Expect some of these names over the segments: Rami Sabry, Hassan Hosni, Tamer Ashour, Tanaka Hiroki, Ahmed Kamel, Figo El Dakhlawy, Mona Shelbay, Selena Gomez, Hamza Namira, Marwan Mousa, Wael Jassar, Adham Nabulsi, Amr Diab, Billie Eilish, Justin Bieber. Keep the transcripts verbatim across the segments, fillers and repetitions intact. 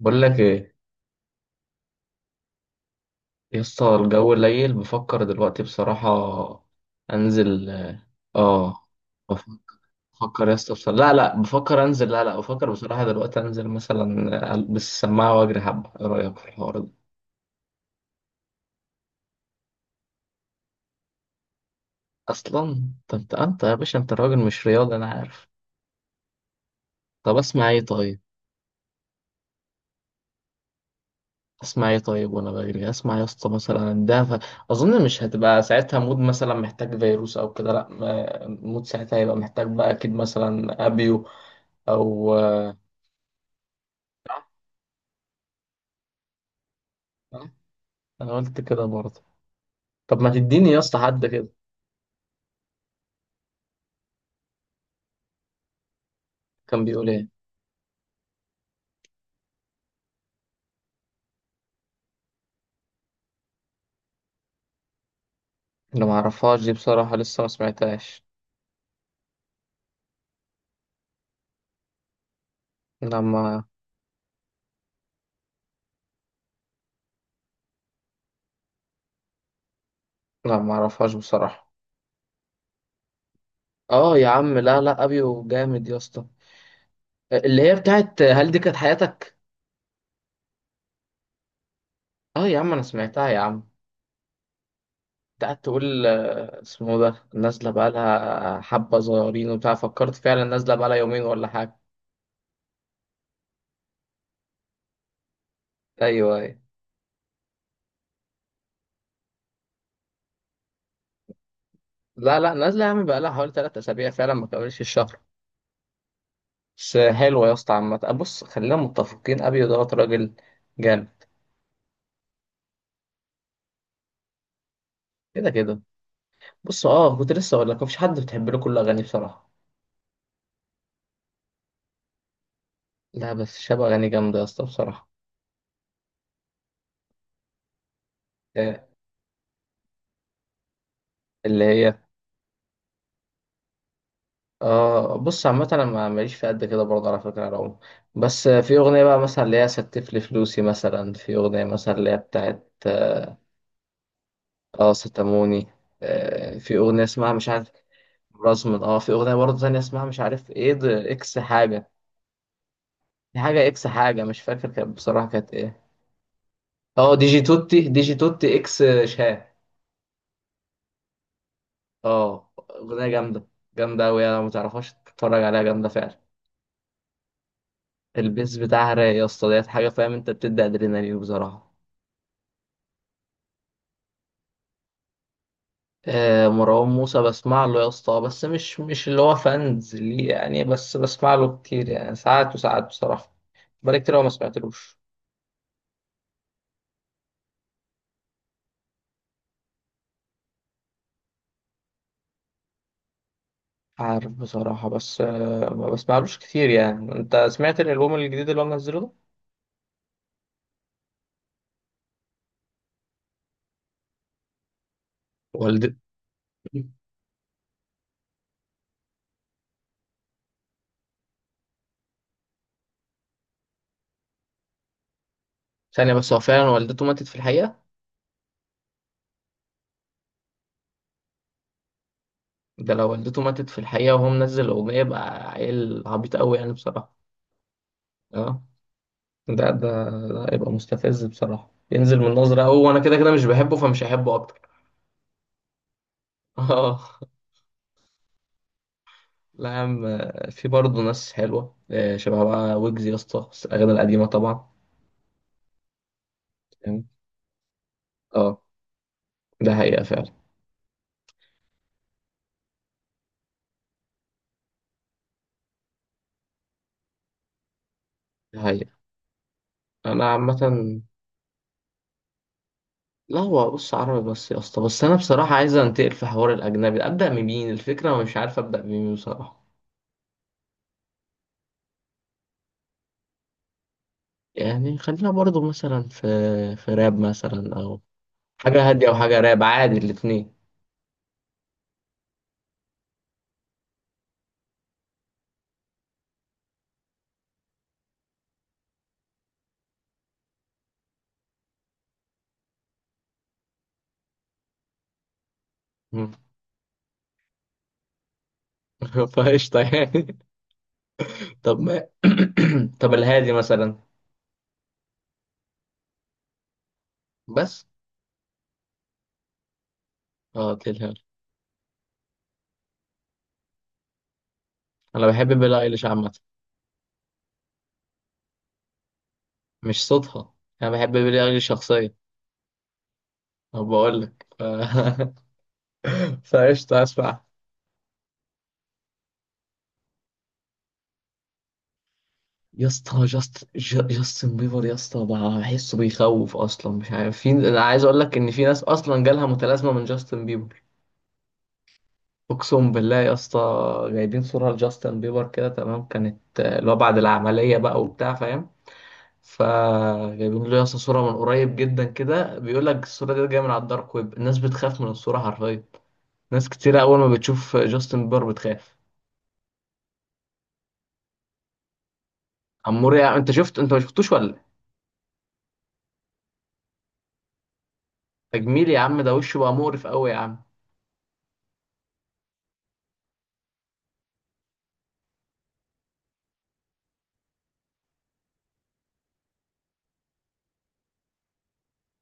بقول لك ايه يا اسطى، الجو قليل، بفكر دلوقتي بصراحة انزل. اه بفكر بفكر يا اسطى بصراحة. لا لا، بفكر انزل. لا لا، بفكر بصراحة دلوقتي انزل مثلا، البس السماعة واجري حبة. ايه رأيك في الحوار ده؟ اصلا طب انت انت يا باشا، انت راجل مش رياضي، انا عارف. طب اسمع ايه طيب؟ اسمع ايه طيب وانا بجري؟ اسمع يا اسطى مثلا ده ف... اظن مش هتبقى ساعتها مود مثلا محتاج فيروس او كده. لا ما- مود ساعتها هيبقى محتاج بقى اكيد مثلا ابيو او صح. صح. انا قلت كده برضه. طب ما تديني يا اسطى حد كده. كان بيقول ايه؟ انا ما اعرفهاش دي بصراحه، لسه ما سمعتهاش. انا ما لا ما اعرفهاش بصراحه. اه يا عم، لا لا، ابيو جامد يا اسطى. اللي هي بتاعت هل دي كانت حياتك. اه يا عم انا سمعتها يا عم. انت قاعد تقول، آه، اسمه ده نازله بقالها حبه صغيرين وبتاع، فكرت فعلا نازله بقالها يومين ولا حاجه. ايوه ايوه. لا لا، نازله يا عم بقالها حوالي ثلاث اسابيع، فعلا ما كملش الشهر. بس حلوة يا اسطى عامة. أه، بص خلينا متفقين، أبيو دوت راجل جامد. كده كده. بص، اه كنت لسه أقول لك مفيش حد بتحب له كل أغانيه بصراحة. لا بس شاب أغاني جامدة يا اسطى بصراحة. آه، اللي هي اه بص، عامة أنا ما- ماليش في قد كده برضه على فكرة يا رعوم. بس آه، في أغنية بقى مثلا اللي هي ستف لي فلوسي، مثلا في أغنية مثلا اللي هي بتاعت اه. آه، ستاموني. آه، في أغنية اسمها مش عارف، رزمن. اه في أغنية برضه تانية اسمها مش عارف ايه، ده اكس حاجة. دي حاجة اكس حاجة، مش فاكر كانت بصراحة كانت ايه. اه ديجي توتي، ديجي توتي اكس شاه. اه اغنية جامدة. جامدة اوي، انا متعرفهاش، تتفرج عليها جامدة فعلا. البيز بتاعها رايق يا اسطى، ديت حاجة فاهم، انت بتدي ادرينالين بصراحة. آه مروان موسى بسمع له يا اسطى، بس مش مش اللي هو فانز ليه يعني، بس بسمع له كتير يعني، ساعات وساعات بصراحة. بقالي كتير أوي ما سمعتلوش. عارف بصراحة، بس آه ما بسمعلوش كتير يعني. انت سمعت الالبوم الجديد اللي هو منزله ده؟ والد. ثانية بس، هو فعلا والدته ماتت في الحقيقة؟ ده لو والدته ماتت في الحقيقة وهو منزل الأغنية يبقى عيل عبيط أوي يعني بصراحة. اه ده ده ده يبقى مستفز بصراحة، ينزل من نظرة أوي، وأنا كده كده مش بحبه فمش هحبه أكتر. اه. لا يا عم، آه، في برضه ناس حلوة، آه، شبه بقى ويجز يا اسطى، بس الأغاني القديمة طبعا. فاهم؟ اه. ده حقيقة فعلا. ده حقيقة. أنا عامة، لا هو بص عربي بس يا اسطى، بس أنا بصراحة عايز أنتقل في حوار الأجنبي، أبدأ من مين الفكرة ومش عارف أبدأ من مين بصراحة. يعني خلينا برضو مثلا في، في راب مثلا او حاجة هادية او حاجة راب عادي، الاتنين. مم. فقشطة يعني. طب ما، طب الهادي مثلا بس. اه تلهال. انا بحب بيلي ايليش عامة، مش صوتها، انا بحب بيلي ايليش شخصيا. انا بقول لك ف... فقشطة اسمع. يا اسطى جاست، ج- جاستن بيبر يا اسطى بقى بحسه بيخوف اصلا، مش عارف. في، انا عايز اقول لك ان في ناس اصلا جالها متلازمة من جاستن بيبر. اقسم بالله يا اسطى، جايبين صوره لجاستن بيبر كده تمام، كانت آه، اللي هو بعد العمليه بقى وبتاع، فاهم، فجايبين له يا اسطى صوره من قريب جدا كده، بيقول لك الصوره دي جايه من على الدارك ويب، الناس بتخاف من الصوره حرفيا. ناس كتير اول ما بتشوف جاستن بيبر بتخاف. عمور يا عم انت شفت؟ انت ما شفتوش ولا؟ تجميل يا عم، ده وشه بقى مقرف قوي يا عم.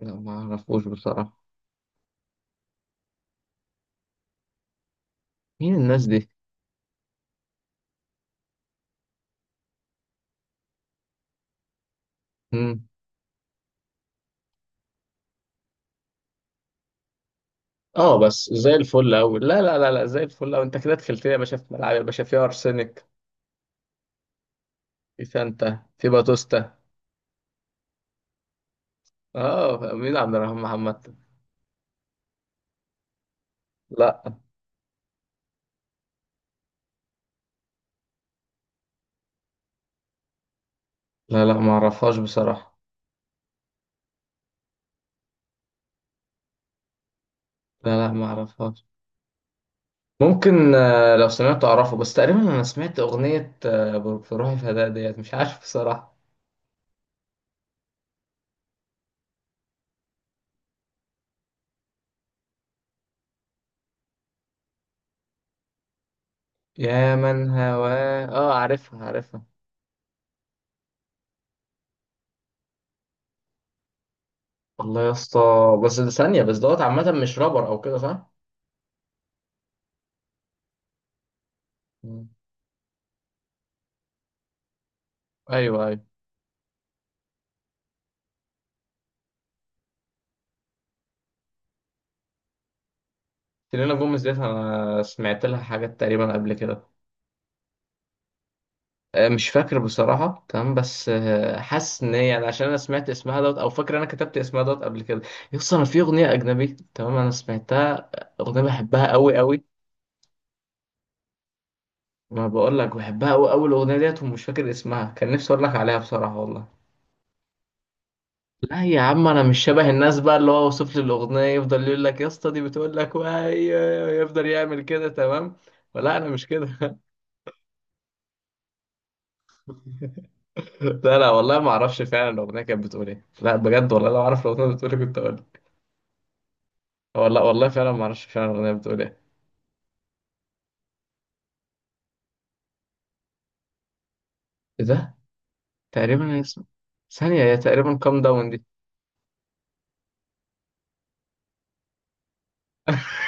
لا ما اعرفوش بصراحه. مين الناس دي؟ مم. اه بس زي الفل قوي، لا لا لا لا، زي الفل قوي. انت كده دخلت لي يا باشا في ملعب يا باشا فيها ارسنال. في سانتا، في باتوستا. اه مين عبد الرحمن محمد؟ لا. لا، لا ما اعرفهاش بصراحة. لا لا ما اعرفهاش. ممكن آه، لو سمعت اعرفه، بس تقريبا انا سمعت اغنية آه، في روحي فداء ديت، مش عارف بصراحة. يا من هواه، اه عارفها عارفها. والله يا اسطى. بس ده ثانية بس، دوت عامة مش رابر او كده صح؟ مم. ايوه ايوه. سيلينا جوميز ديت انا سمعت لها حاجات تقريبا قبل كده. آه، مش فاكر بصراحة تمام، بس آه، حاسس ان هي يعني، عشان انا سمعت اسمها دوت، او فاكر انا كتبت اسمها دوت قبل كده. يس انا في اغنية اجنبي، تمام انا سمعتها، آه، اغنية بحبها قوي قوي. ما بقول لك بحبها قوي قوي الاغنية ديت، ومش فاكر اسمها، كان نفسي اقول لك عليها بصراحة والله. لا يا عم انا مش شبه الناس بقى اللي هو وصف لي الاغنية، يفضل يقول لك يا اسطى دي بتقول لك وهي، يفضل يعمل كده تمام. ولا انا مش كده. لا لا والله ما اعرفش فعلا الاغنية كانت بتقول ايه، لا بجد والله لو اعرف الاغنية بتقول ايه كنت اقول. والله والله فعلا ما اعرفش فعلا الاغنيه بتقول ايه. ايه ده؟ تقريبا إيه اسمه؟ ثانيه، هي تقريبا كام داون دي.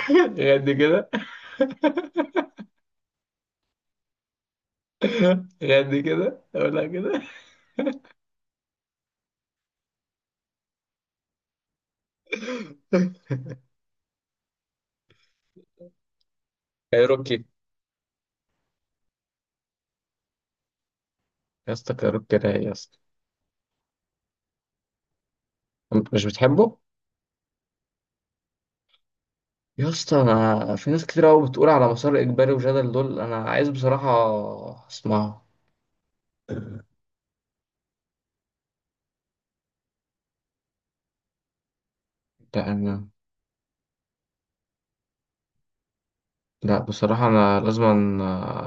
غادي كده. غادي كده اقولها كده. كايروكي. يا اسطى كايروكي رايق يا اسطى. أنت مش بتحبه؟ يا اسطى انا في ناس كتير قوي بتقول على مسار اجباري وجدل دول، انا عايز بصراحه اسمعه. لأن لا بصراحة أنا لازم أن-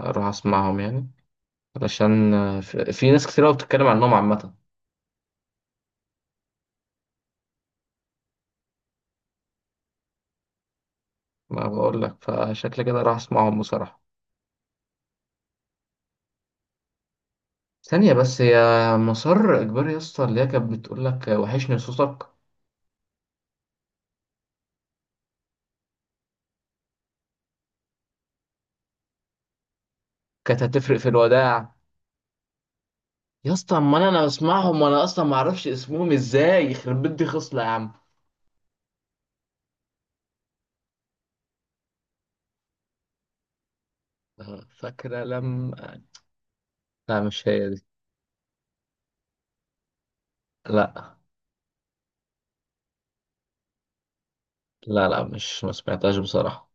أروح أسمعهم يعني، علشان في، في ناس كتير أوي بتتكلم عنهم عامة. ما بقول لك فشكل كده راح أسمعهم بصراحة. ثانية بس، هي مسار إجباري يا اسطى اللي هي كانت بتقول لك وحشني صوتك، كانت هتفرق في الوداع. يا اسطى، أما أنا، أنا بسمعهم وأنا أصلا ما أعرفش اسمهم إزاي، يخرب بيت دي خصلة يا عم. آه، فاكرة لما. لا مش هي دي. لا لا لا مش، ما سمعتهاش بصراحة.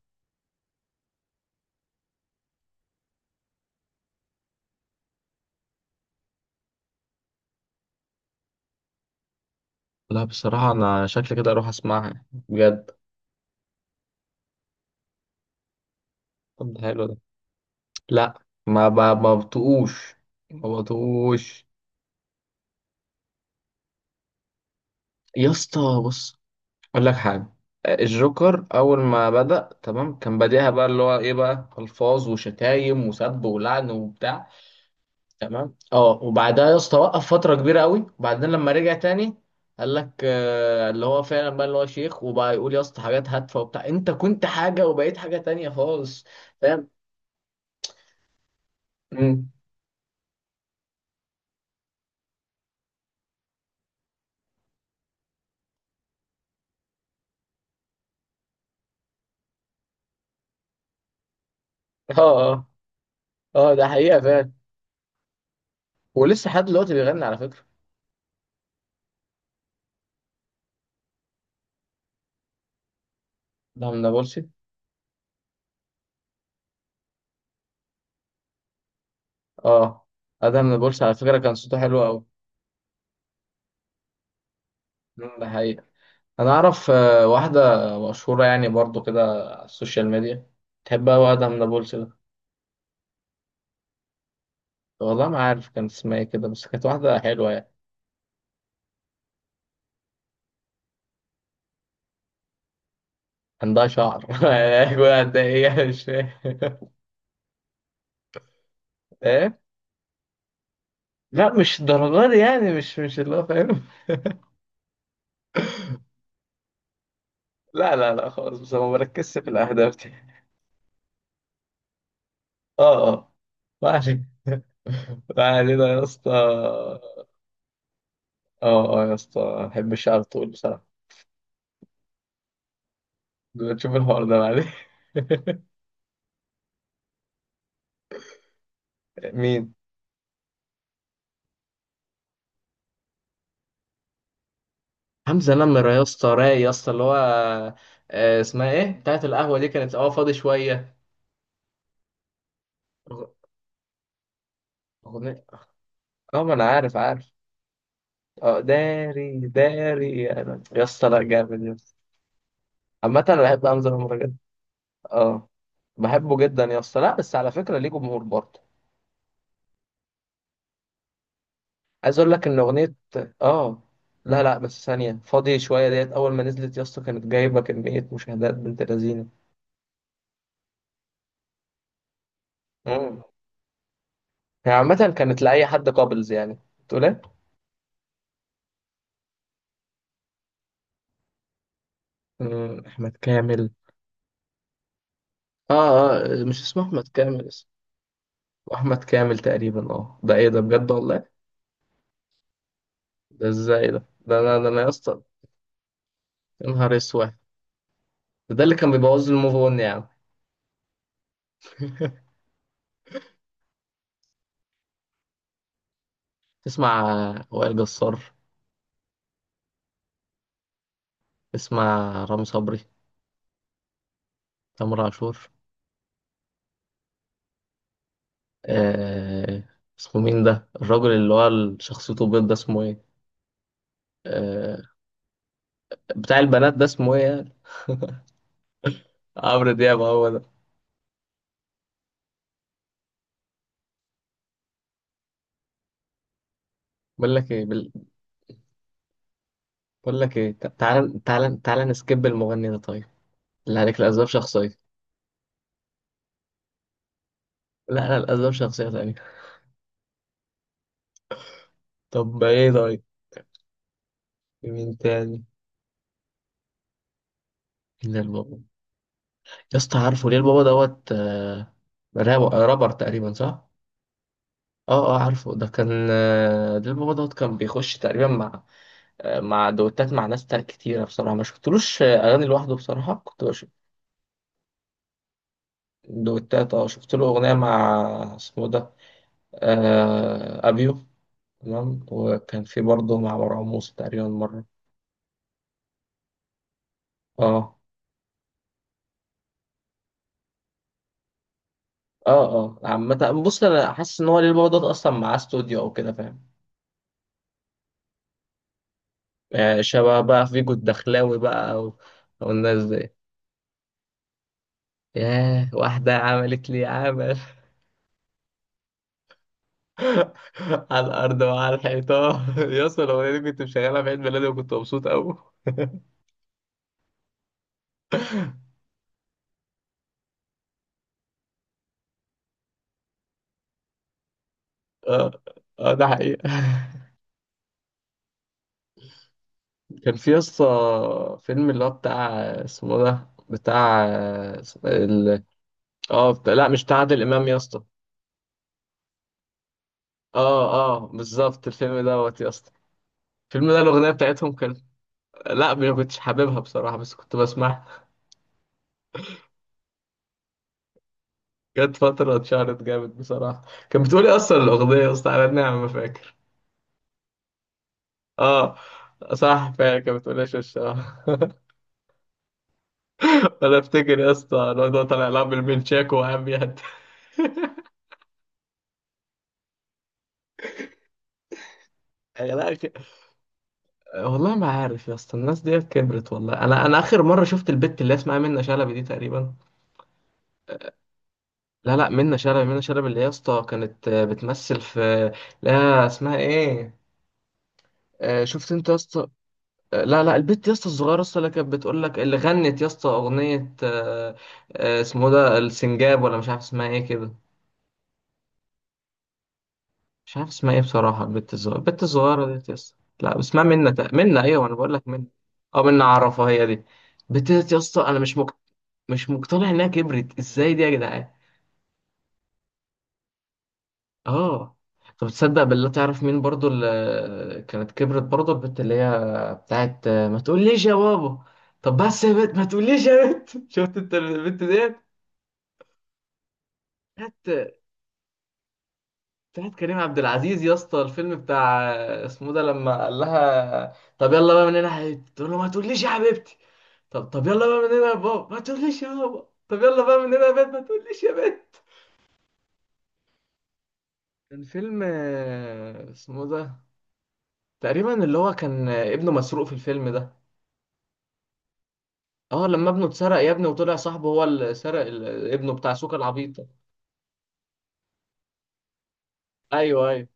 لا بصراحة أنا شكلي كده أروح أسمعها بجد. طب ده حلو ده. لا ما ب- ما بطقوش. ما بطقوش. يا اسطى بص، اقول لك حاجه. الجوكر اول ما بدأ تمام، كان بديها بقى اللي هو ايه بقى، الفاظ وشتايم وسب ولعن وبتاع. تمام. اه، وبعدها يا اسطى وقف فتره كبيره قوي، وبعدين لما رجع تاني قال لك آه اللي هو فعلا بقى اللي هو شيخ، وبقى يقول يا اسطى حاجات هادفه وبتاع، انت كنت حاجه وبقيت حاجه تانية خالص. فاهم. مم. اه اه. اه ده حقيقه فعلا. ولسه لحد دلوقتي بيغني على فكره. ده من نابلسي. اه ادهم نابلسي على فكره كان صوته حلو قوي. مم، ده حقيقه. انا اعرف آه، واحده مشهوره يعني برضو كده، على السوشيال ميديا، تحبها، واحده من نابلس ده. والله ما عارف كان اسمها ايه كده، بس كانت واحده حلوه يعني. عندها شعر. ايوه قد ايه يعني، مش فاهم. ايه؟ لا مش الدرجه دي يعني، مش مش اللي هو فاهم. لا لا لا خالص، بس أنا ما بركزش في الاهداف دي. اه اه. ما علينا. ما علينا يا اسطى. اه. اه يا اسطى بحب الشعر الطويل بصراحه. تشوف الحوار ده بعدين. مين؟ حمزة نمرة يا اسطى رايق يا اسطى، اللي هو آه، اسمها ايه بتاعت القهوة دي، كانت اه فاضي شوية. أغ- أغنية. اه ما انا عارف عارف. اه داري داري، انا يا اسطى لا جامد يا اسطى. عامة انا بحب حمزة نمرة جدا. اه بحبه جدا يا اسطى، لا بس على فكرة ليه جمهور برضه. عايز اقول لك ان اغنية، اه لا لا بس ثانية فاضي شوية ديت، اول ما نزلت يا اسطى كانت جايبة كمية مشاهدات بنت لذينة. مم. هي عامة كانت لأي حد قابلز يعني. تقول ايه؟ مم، أحمد كامل. اه اه مش اسمه احمد كامل، اسمه احمد كامل تقريبا. اه ده ايه ده بجد والله. ده ازاي ده، ده انا، ده انا يا اسطى. يا نهار اسود. ده، ده اللي كان بيبوظ لي الموف اون يا عم. تسمع وائل جسار؟ تسمع رامي صبري؟ تامر عاشور؟ آه، اسمه مين ده الراجل اللي هو ال- شخصيته بيض ده اسمه ايه؟ آه بتاع البنات ده اسمه ايه يعني؟ عمرو دياب هو ده. بقول لك ايه بال- بقول لك ايه، تعال تعال تعال، نسكيب المغني ده طيب. لا عليك، الاسباب شخصيه. لا لا الاسباب شخصيه تانية. طب ايه طيب؟ في مين تاني؟ مين البابا؟ يا اسطى عارفه، ليه البابا دوت آه، راب- رابر تقريبا صح. اه اه عارفه، ده كان آه، ده البابا دوت كان بيخش تقريبا مع آه، مع دوتات، مع ناس تانية كتيرة، بصراحة ما شفتلوش آه، أغاني لوحده بصراحة كنت بشوف دوتات. اه شفت له أغنية مع اسمه ده، آه أبيو، تمام. وكان في برضه مع مروان موسى تقريبا مرة. اه اه اه، عامة بص، أنا حاسس إن هو ليه البابا دوت أصلا مع استوديو أو كده فاهم. يعني شبه بقى فيجو الدخلاوي بقى و- والناس دي. ياه، واحدة عملت لي عمل على الأرض وعلى الحيطان، يا اسطى الأغنية دي كنت مشغلها في عيد ميلادي وكنت مبسوط أوي. اه اه ده حقيقة. كان في يا اسطى فيلم اللي هو بتاع، اسمه ده بتاع، ال... اه بتاع، لا مش بتاع عادل إمام يا اسطى. اه اه بالظبط، الفيلم دوت يا اسطى، الفيلم ده الأغنية بتاعتهم كانت. لا ما كنتش حاببها بصراحة، بس كنت بسمعها. جت فترة اتشهرت جامد بصراحة. كانت بتقولي أصلا الأغنية يا اسطى على النعمة ما فاكر. اه صح فعلا كانت بتقولي شش اه. أنا أفتكر يا اسطى الواد هو طالع لعب بالمنشاكو وقام يهد. لا أخي، والله ما عارف يا اسطى، الناس ديت كبرت والله. أنا، أنا آخر مرة شفت البت اللي اسمها منة شلبي دي تقريبا. لا لا منة شلبي، منة شلبي اللي يا اسطى كانت آه، بتمثل في. لا اسمها إيه؟ آه، شفت أنت يا اسطى؟ لا لا، البت يا اسطى الصغيره يا اسطى اللي كانت بتقول لك، اللي غنت يا اسطى اغنيه آه، آه، اسمه ده السنجاب، ولا مش عارف اسمها ايه كده. مش عارف اسمها ايه بصراحه، البت الصغيره، البت الصغيره دي يا اسطى، لا اسمها منى تق- منى، ايوه انا بقول لك منى. اه منى عرفها هي دي. البت دي يا اسطى انا مش مك... مش مقتنع انها كبرت ازاي دي يا جدعان. اه. طب تصدق بالله، تعرف مين برضو اللي كانت كبرت برضو، البت اللي هي بتاعت آه، ما تقوليش يا بابا. طب بس يا بنت ما تقوليش يا بنت. شفت انت البنت ديت؟ هات، هات كريم عبد العزيز يا اسطى الفيلم بتاع اسمه ده، لما قال لها طب يلا بقى من هنا يا حبيبتي، تقول له ما تقوليش يا حبيبتي. طب طب يلا بقى من هنا يا بابا، ما تقوليش يا بابا. طب يلا بقى من هنا يا بنت، ما تقوليش يا بنت. كان فيلم آه، اسمه ده، تقريبا اللي هو كان آه، ابنه مسروق في الفيلم ده. اه لما ابنه اتسرق يا ابني، وطلع صاحبه هو اللي سرق ال- ابنه، بتاع سوكا العبيط ده. ايوه ايوه.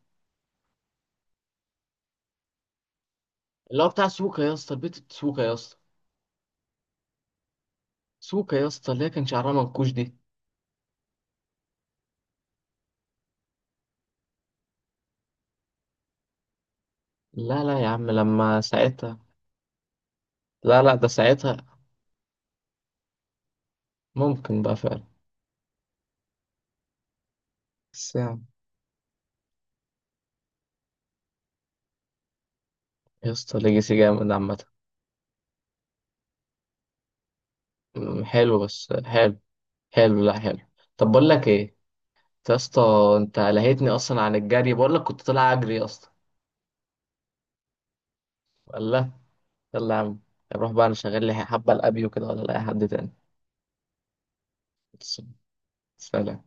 اللي هو بتاع سوكا يا اسطى، البيت سوكا يا اسطى، سوكا يا اسطى اللي هي كان شعرها منكوش دي. لا لا يا عم لما ساعتها، لا لا ده ساعتها. ممكن بقى فعلا. بس يعني. يا اسطى ليجاسي جامد عامة. أمم، حلو بس حلو. حلو لا حلو. طب بقول لك ايه، أنت يا اسطى، انت لهيتني اصلا عن الجري، بقول لك كنت طالع اجري اصلا. لا، يلا يا عم، روح بقى، انا شغال لي حبة الابيو كده، ولا لاقي حد تاني. سلام